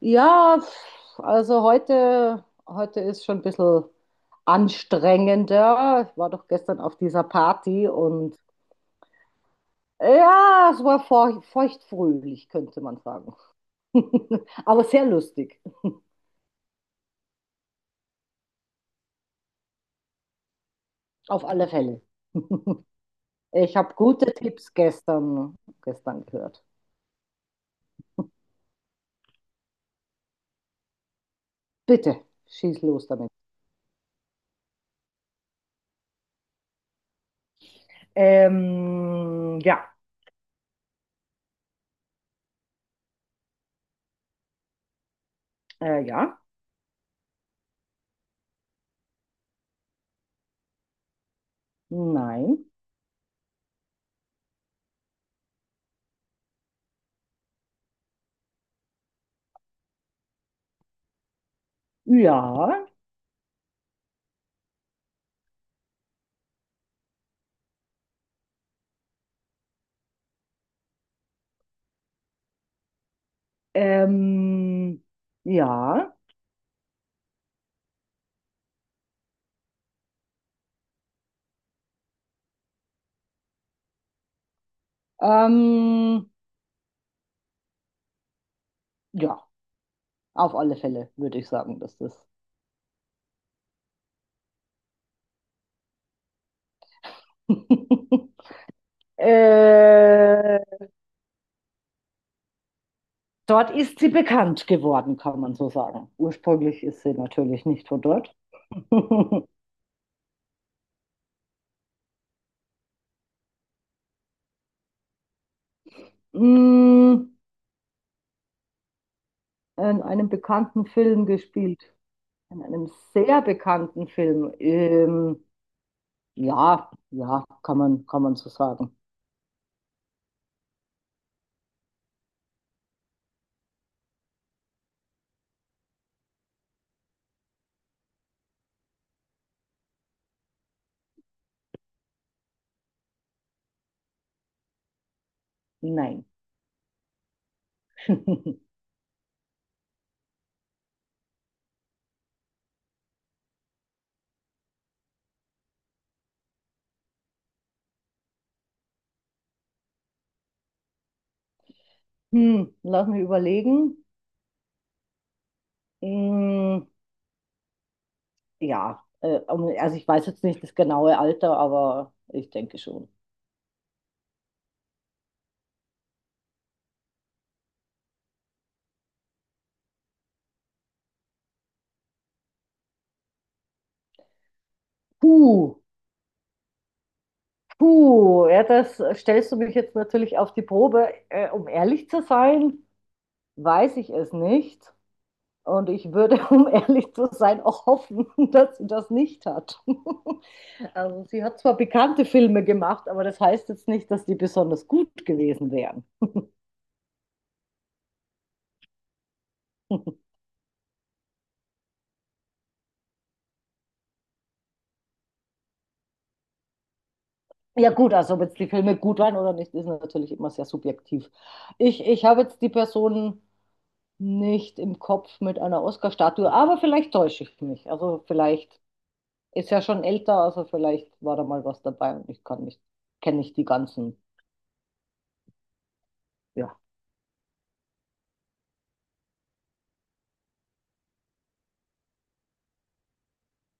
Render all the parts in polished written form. Ja, pf, also heute ist schon ein bisschen anstrengender. Ich war doch gestern auf dieser Party und ja, es war feuchtfröhlich, könnte man sagen. Aber sehr lustig, auf alle Fälle. Ich habe gute Tipps gestern gehört. Bitte, schieß los damit. Ja, ja, nein. Ja. Ähm, ja. Ähm, ja. Auf alle Fälle würde ich sagen, dass das. Äh, dort ist sie bekannt geworden, kann man so sagen. Ursprünglich ist sie natürlich nicht von dort. In einem bekannten Film gespielt. In einem sehr bekannten Film. Ja, ja, kann man so sagen. Nein. Hm, lass mich überlegen. Mm, ja, also ich weiß jetzt nicht das genaue Alter, aber ich denke schon. Puh, puh, ja, das stellst du mich jetzt natürlich auf die Probe. Um ehrlich zu sein, weiß ich es nicht. Und ich würde, um ehrlich zu sein, auch hoffen, dass sie das nicht hat. Also sie hat zwar bekannte Filme gemacht, aber das heißt jetzt nicht, dass die besonders gut gewesen wären. Ja gut, also ob jetzt die Filme gut waren oder nicht, ist natürlich immer sehr subjektiv. Ich habe jetzt die Person nicht im Kopf mit einer Oscar-Statue, aber vielleicht täusche ich mich. Also vielleicht ist ja schon älter, also vielleicht war da mal was dabei und ich kann nicht, kenne nicht die ganzen. Ja.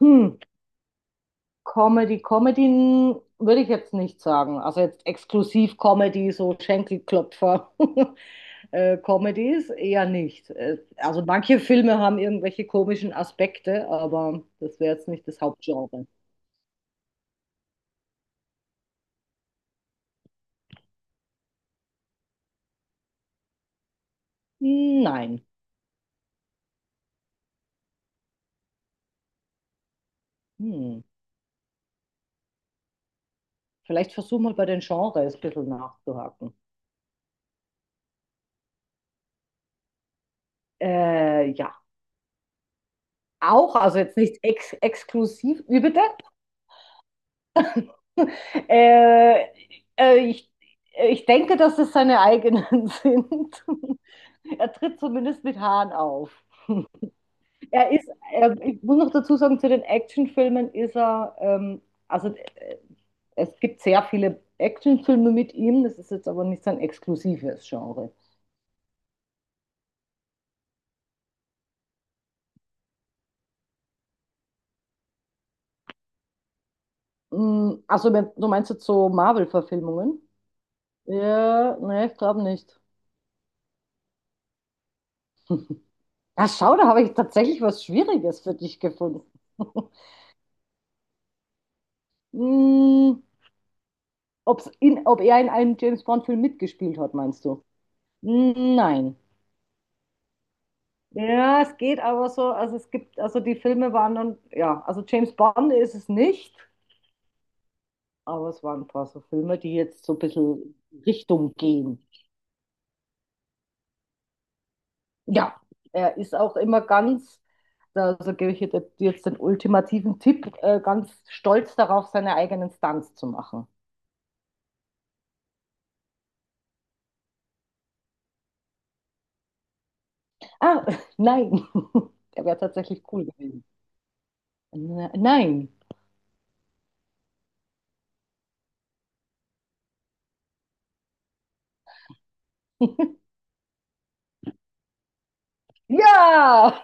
Hm. Comedy würde ich jetzt nicht sagen. Also jetzt exklusiv Comedy, so Schenkelklopfer. Comedies eher nicht. Also manche Filme haben irgendwelche komischen Aspekte, aber das wäre jetzt nicht das Hauptgenre. Nein. Hm. Vielleicht versuch mal bei den Genres ein bisschen nachzuhaken. Ja, auch, also jetzt nicht ex exklusiv. Wie bitte? Äh, äh, ich, ich denke, dass es seine eigenen sind. Er tritt zumindest mit Haaren auf. Ich muss noch dazu sagen, zu den Actionfilmen ist er, also es gibt sehr viele Actionfilme mit ihm, das ist jetzt aber nicht sein exklusives Genre. Mm, also, du meinst jetzt so Marvel-Verfilmungen? Ja, ne, ich glaube nicht. Ah, schau, da habe ich tatsächlich was Schwieriges für dich gefunden. Mm, ob er in einem James Bond-Film mitgespielt hat, meinst du? Nein. Ja, es geht aber so, also es gibt, also die Filme waren dann, ja, also James Bond ist es nicht, aber es waren ein paar so Filme, die jetzt so ein bisschen Richtung gehen. Ja, er ist auch immer ganz, also gebe ich dir jetzt den ultimativen Tipp, ganz stolz darauf, seine eigenen Stunts zu machen. Ah, nein, der wäre tatsächlich cool gewesen. Nein. Ja!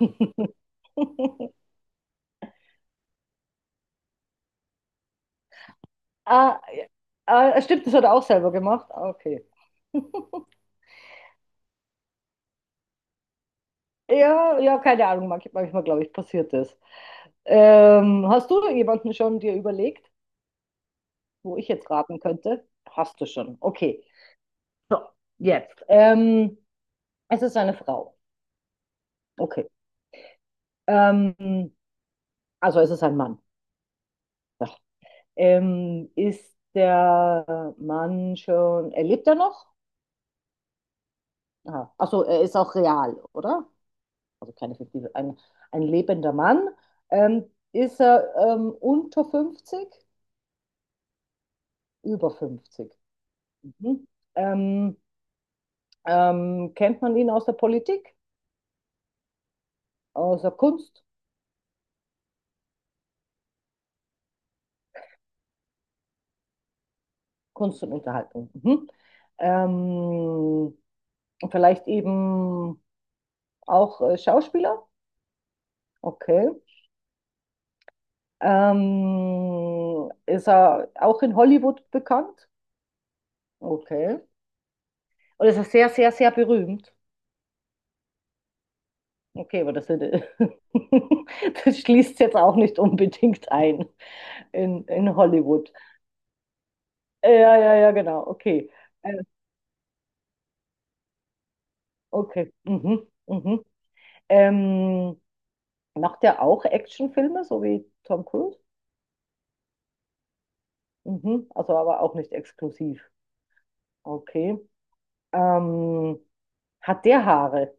Ah, ja, ah, stimmt, das hat er auch selber gemacht. Ah, okay. Ja, ja, keine Ahnung, manchmal, glaube ich, passiert das. Hast du jemanden schon dir überlegt, wo ich jetzt raten könnte? Hast du schon. Okay. So, jetzt. Es ist eine Frau. Okay. Ähm, also es ist ein Mann. Ja. Ist der Mann schon, er lebt er noch? Aha. Achso, er ist auch real, oder? Also keine fiktive, ein lebender Mann, ähm, ist er unter 50, über 50. Mhm. Ähm, Kennt man ihn aus der Politik, aus der Kunst, Kunst und Unterhaltung. Mhm. Ähm, Vielleicht eben auch Schauspieler, okay. Ist er auch in Hollywood bekannt? Okay. Und ist er sehr, sehr, sehr berühmt? Okay, aber das, hätte- das schließt jetzt auch nicht unbedingt ein in Hollywood. Ja, ja, ja, genau. Okay. Äh, okay. Mhm, mhm. Ähm, Macht der auch Actionfilme, so wie Tom Cruise? Mhm. Also aber auch nicht exklusiv. Okay. Ähm, Hat der Haare?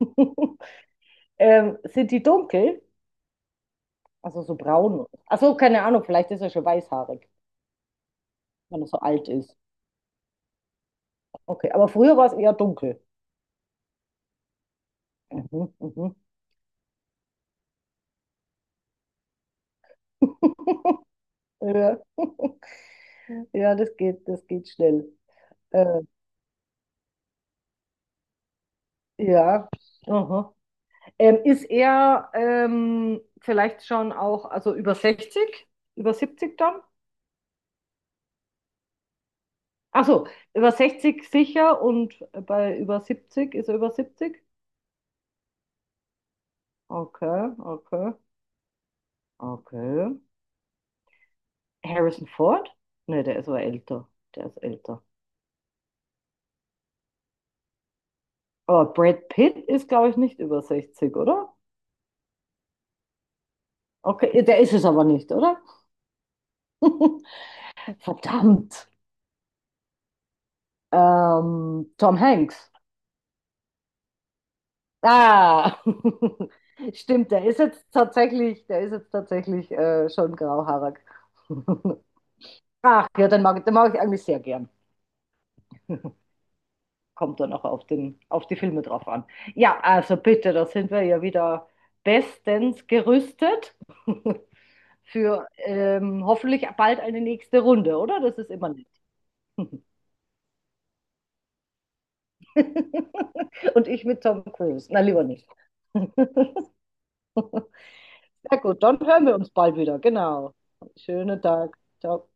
Sind die dunkel? Also so braun. Achso, keine Ahnung, vielleicht ist er schon weißhaarig, wenn er so alt ist. Okay, aber früher war es eher dunkel. Mhm, mhm. Ja. Ja, das geht schnell. Äh, ja. Aha. Ist er vielleicht schon auch, also über 60 über 70 dann? Achso, über 60 sicher und bei über 70 ist er über 70. Okay, okay, okay. Harrison Ford? Ne, der ist aber älter. Der ist älter. Aber Brad Pitt ist, glaube ich, nicht über 60 oder? Okay, der ist es aber nicht, oder? Verdammt. Tom Hanks. Ah, stimmt, der ist jetzt tatsächlich schon grauhaarig. Ach ja, den mag ich eigentlich sehr gern. Kommt dann auch auf den, auf die Filme drauf an. Ja, also bitte, da sind wir ja wieder bestens gerüstet für hoffentlich bald eine nächste Runde, oder? Das ist immer nett. Und ich mit Tom Cruise. Na, lieber nicht. Sehr gut, dann hören wir uns bald wieder. Genau. Schönen Tag. Ciao.